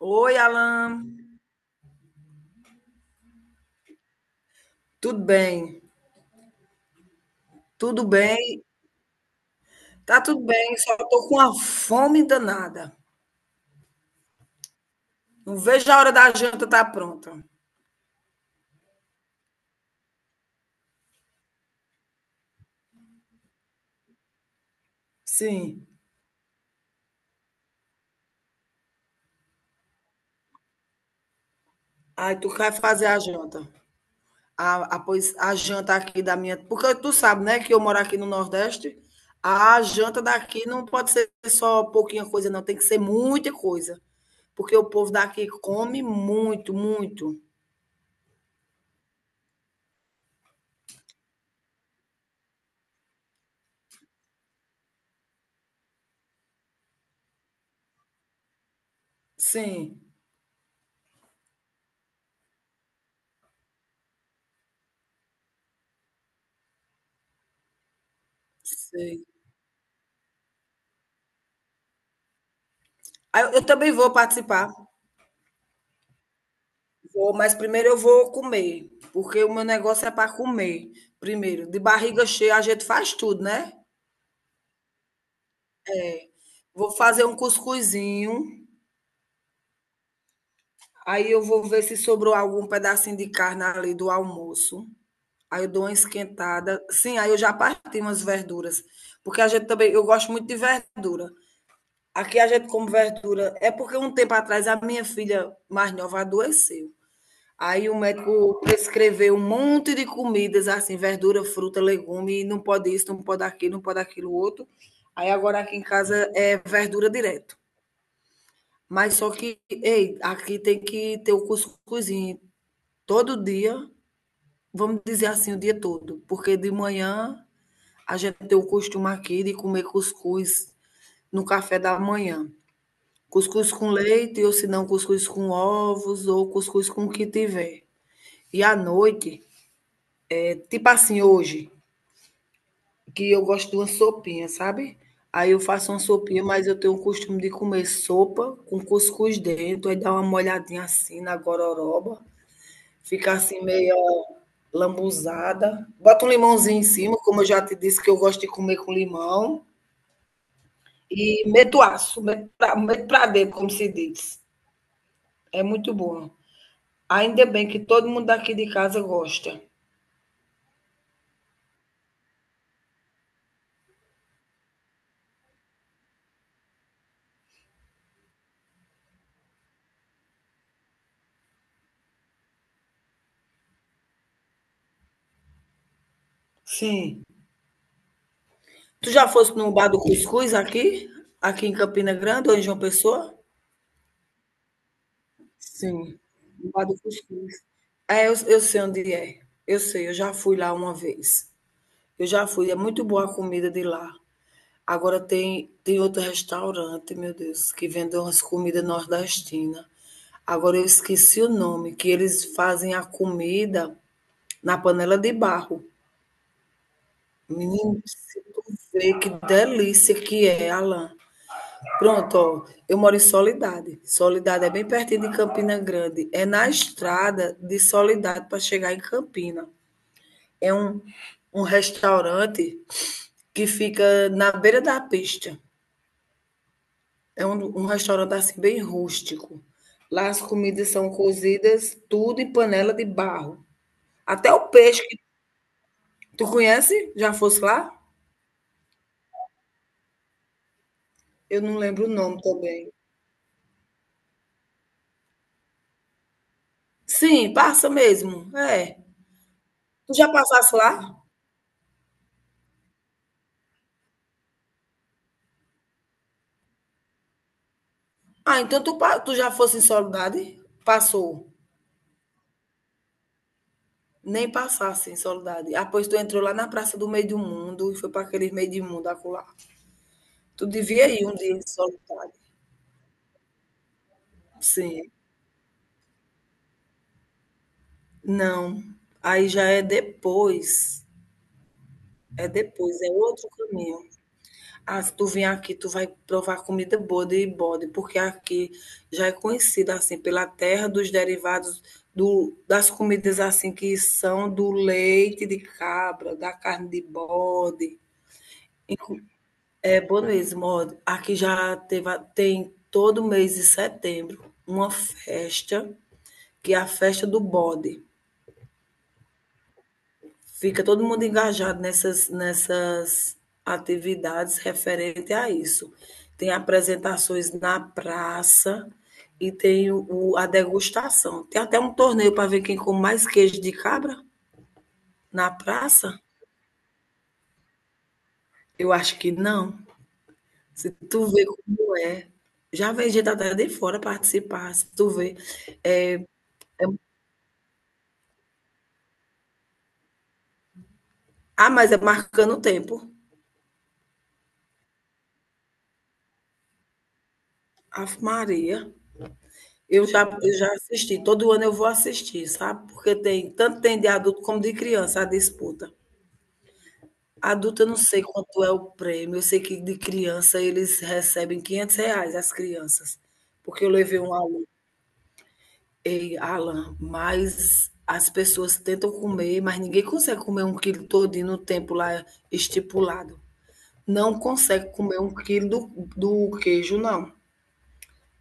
Oi, Alan. Tudo bem? Tudo bem? Tá tudo bem, só tô com uma fome danada. Não vejo a hora da janta estar pronta. Sim. Aí tu quer fazer a janta. Pois, a janta aqui da minha. Porque tu sabe, né, que eu moro aqui no Nordeste. A janta daqui não pode ser só pouquinha coisa, não. Tem que ser muita coisa. Porque o povo daqui come muito, muito. Sim, sei. Aí eu também vou participar. Vou, mas primeiro eu vou comer, porque o meu negócio é para comer. Primeiro, de barriga cheia a gente faz tudo, né? Vou fazer um cuscuzinho, aí eu vou ver se sobrou algum pedacinho de carne ali do almoço. Aí eu dou uma esquentada. Sim, aí eu já parti umas verduras, porque a gente também, eu gosto muito de verdura. Aqui a gente come verdura. É porque um tempo atrás a minha filha mais nova adoeceu. Aí o médico prescreveu um monte de comidas, assim, verdura, fruta, legume, não pode isso, não pode aquilo, não pode aquilo outro. Aí agora aqui em casa é verdura direto. Mas só que, ei, aqui tem que ter o cuscuzinho todo dia, vamos dizer assim, o dia todo. Porque de manhã a gente tem o costume aqui de comer cuscuz no café da manhã. Cuscuz com leite, ou se não, cuscuz com ovos, ou cuscuz com o que tiver. E à noite, tipo assim, hoje, que eu gosto de uma sopinha, sabe? Aí eu faço uma sopinha, mas eu tenho o costume de comer sopa com cuscuz dentro, aí dá uma molhadinha assim na gororoba, fica assim meio lambuzada. Bota um limãozinho em cima, como eu já te disse que eu gosto de comer com limão, e meto aço, meto pra dentro, como se diz. É muito bom. Ainda bem que todo mundo daqui de casa gosta. Sim. Tu já foste no bar do cuscuz aqui? Aqui em Campina Grande ou em João Pessoa? Sim, Bar do Cuscuz. Eu sei onde é. Eu sei, eu já fui lá uma vez. Eu já fui, é muito boa a comida de lá. Agora tem outro restaurante, meu Deus, que vende umas comidas nordestinas. Agora eu esqueci o nome, que eles fazem a comida na panela de barro. Menino, se tu vê que delícia que é, Alan. Pronto, ó, eu moro em Soledade. Soledade é bem pertinho de Campina Grande. É na estrada de Soledade para chegar em Campina. É um restaurante que fica na beira da pista. É um restaurante assim bem rústico. Lá as comidas são cozidas tudo em panela de barro. Até o peixe que tu conhece, já fosse lá? Eu não lembro o nome também. Sim, passa mesmo. É. Tu já passasse lá? Ah, então tu, tu já fosse em Soledade? Passou. Nem passasse em Soledade. Ah, pois tu entrou lá na Praça do Meio do Mundo e foi para aquele meio do mundo acolá. Tu devia ir um dia em Soledade. Sim. Não. Aí já é depois. É depois, é outro caminho. Ah, se tu vier aqui, tu vai provar comida boa de bode, porque aqui já é conhecida assim pela terra dos derivados do, das comidas assim que são do leite de cabra, da carne de bode. Inclu- É Bonoês, modo. Aqui já teve, tem todo mês de setembro uma festa, que é a festa do bode. Fica todo mundo engajado nessas atividades referente a isso. Tem apresentações na praça e tem a degustação. Tem até um torneio para ver quem come mais queijo de cabra na praça. Eu acho que não. Se tu vê como é. Já vem gente até de fora participar, se tu vê. Ah, mas é marcando o tempo. Ave Maria. Eu já assisti. Todo ano eu vou assistir, sabe? Porque tem tanto tem de adulto como de criança a disputa. Adulto, eu não sei quanto é o prêmio. Eu sei que de criança eles recebem R$ 500, as crianças. Porque eu levei um aluno. Ei, Alan, mas as pessoas tentam comer, mas ninguém consegue comer um quilo todinho no tempo lá estipulado. Não consegue comer um quilo do queijo, não.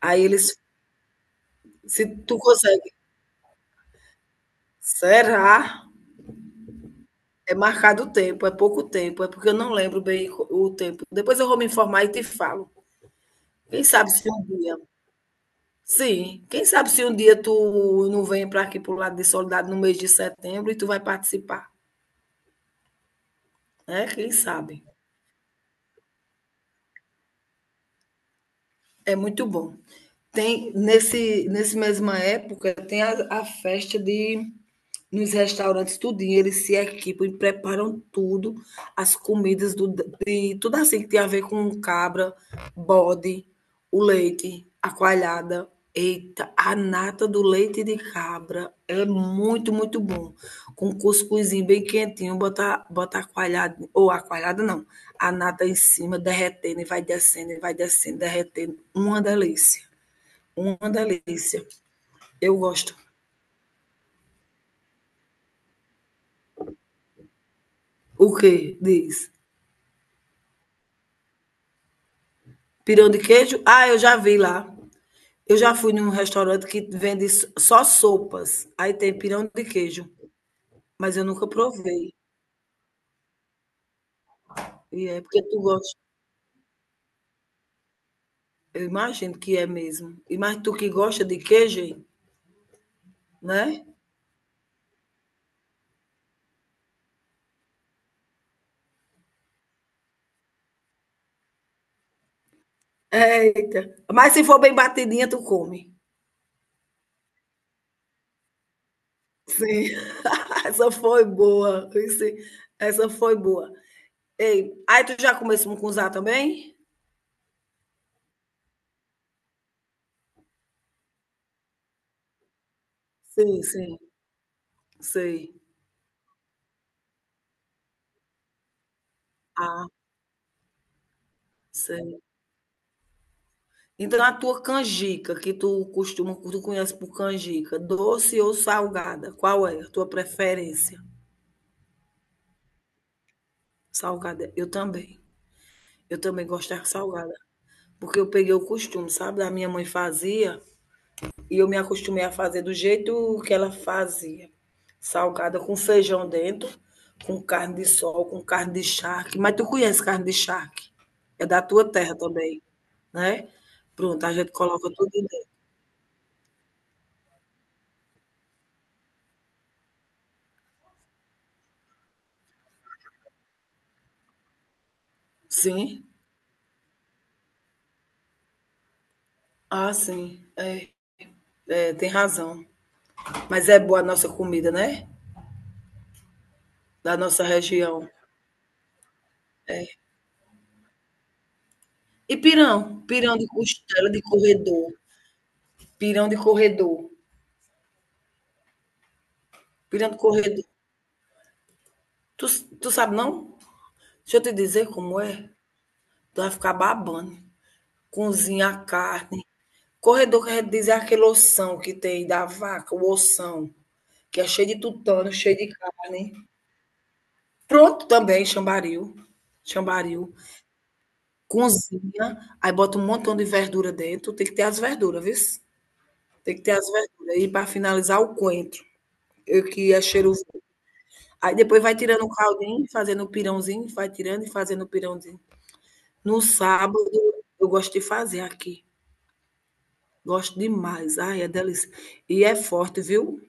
Aí eles Se tu consegue. Será? É marcado o tempo, é pouco tempo, é porque eu não lembro bem o tempo. Depois eu vou me informar e te falo. Quem sabe se um dia. Sim, quem sabe se um dia tu não vem para aqui para o lado de Solidariedade no mês de setembro e tu vai participar, né? Quem sabe? É muito bom. Tem nesse mesma época tem a festa de nos restaurantes tudinho, eles se equipam e preparam tudo, as comidas do de tudo assim que tem a ver com cabra, bode, o leite, a coalhada. Eita, a nata do leite de cabra é muito, muito bom. Com cuscuzinho bem quentinho, botar a coalhada, ou a coalhada não, a nata em cima, derretendo e vai descendo, derretendo. Uma delícia, uma delícia. Eu gosto. O que diz? Pirão de queijo? Ah, eu já vi lá. Eu já fui num restaurante que vende só sopas. Aí tem pirão de queijo, mas eu nunca provei. E é porque tu gosta. Eu imagino que é mesmo. E mais tu que gosta de queijo, hein? Né? Eita. Mas se for bem batidinha, tu come. Sim. Essa foi boa. Essa foi boa. Ei, aí tu já começou a mucunzá também? Sim, sim. Sei. Ah, sei. Então a tua canjica, que tu costuma, tu conhece por canjica, doce ou salgada? Qual é a tua preferência? Salgada. Eu também. Eu também gosto da salgada. Porque eu peguei o costume, sabe? A minha mãe fazia e eu me acostumei a fazer do jeito que ela fazia. Salgada com feijão dentro, com carne de sol, com carne de charque. Mas tu conhece carne de charque? É da tua terra também, né? Pronto, a gente coloca tudo dentro. Sim? Ah, sim. É, tem razão. Mas é boa a nossa comida, né? Da nossa região. É. E pirão? Pirão de costela de corredor. Pirão de corredor. Pirão de corredor. Tu, tu sabe não? Deixa eu te dizer como é. Tu vai ficar babando. Cozinha a carne. Corredor quer dizer aquele ossão que tem da vaca, o ossão, que é cheio de tutano, cheio de carne. Pronto também, chambaril. Chambaril. Cozinha, aí bota um montão de verdura dentro. Tem que ter as verduras, viu? Tem que ter as verduras. E para finalizar, o coentro, que é cheiroso. Aí depois vai tirando o caldinho, fazendo o pirãozinho, vai tirando e fazendo o pirãozinho. No sábado, eu gosto de fazer aqui. Gosto demais. Ai, é delícia. E é forte, viu?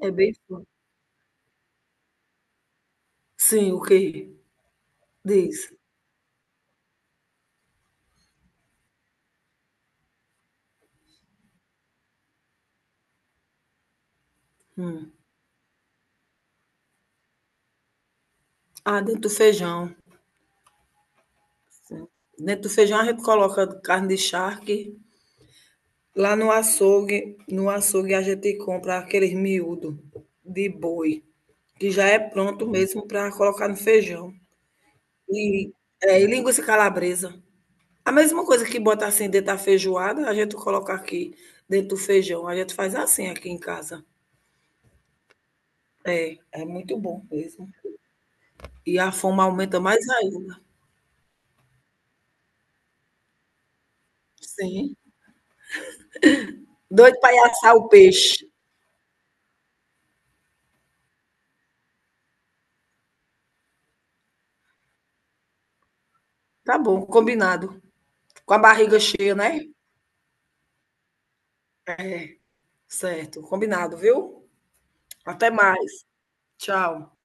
É bem forte. Sim, o quê? Diz. Ah, dentro do feijão. Sim. Dentro do feijão a gente coloca carne de charque. Lá no açougue, no açougue a gente compra aqueles miúdo de boi, que já é pronto mesmo para colocar no feijão. E, e linguiça calabresa. A mesma coisa que bota assim dentro da feijoada, a gente coloca aqui dentro do feijão. A gente faz assim aqui em casa. É muito bom mesmo. E a fome aumenta mais ainda. Sim. Doido para assar o peixe. Tá bom, combinado. Com a barriga cheia, né? É, certo. Combinado, viu? Até mais. Tchau.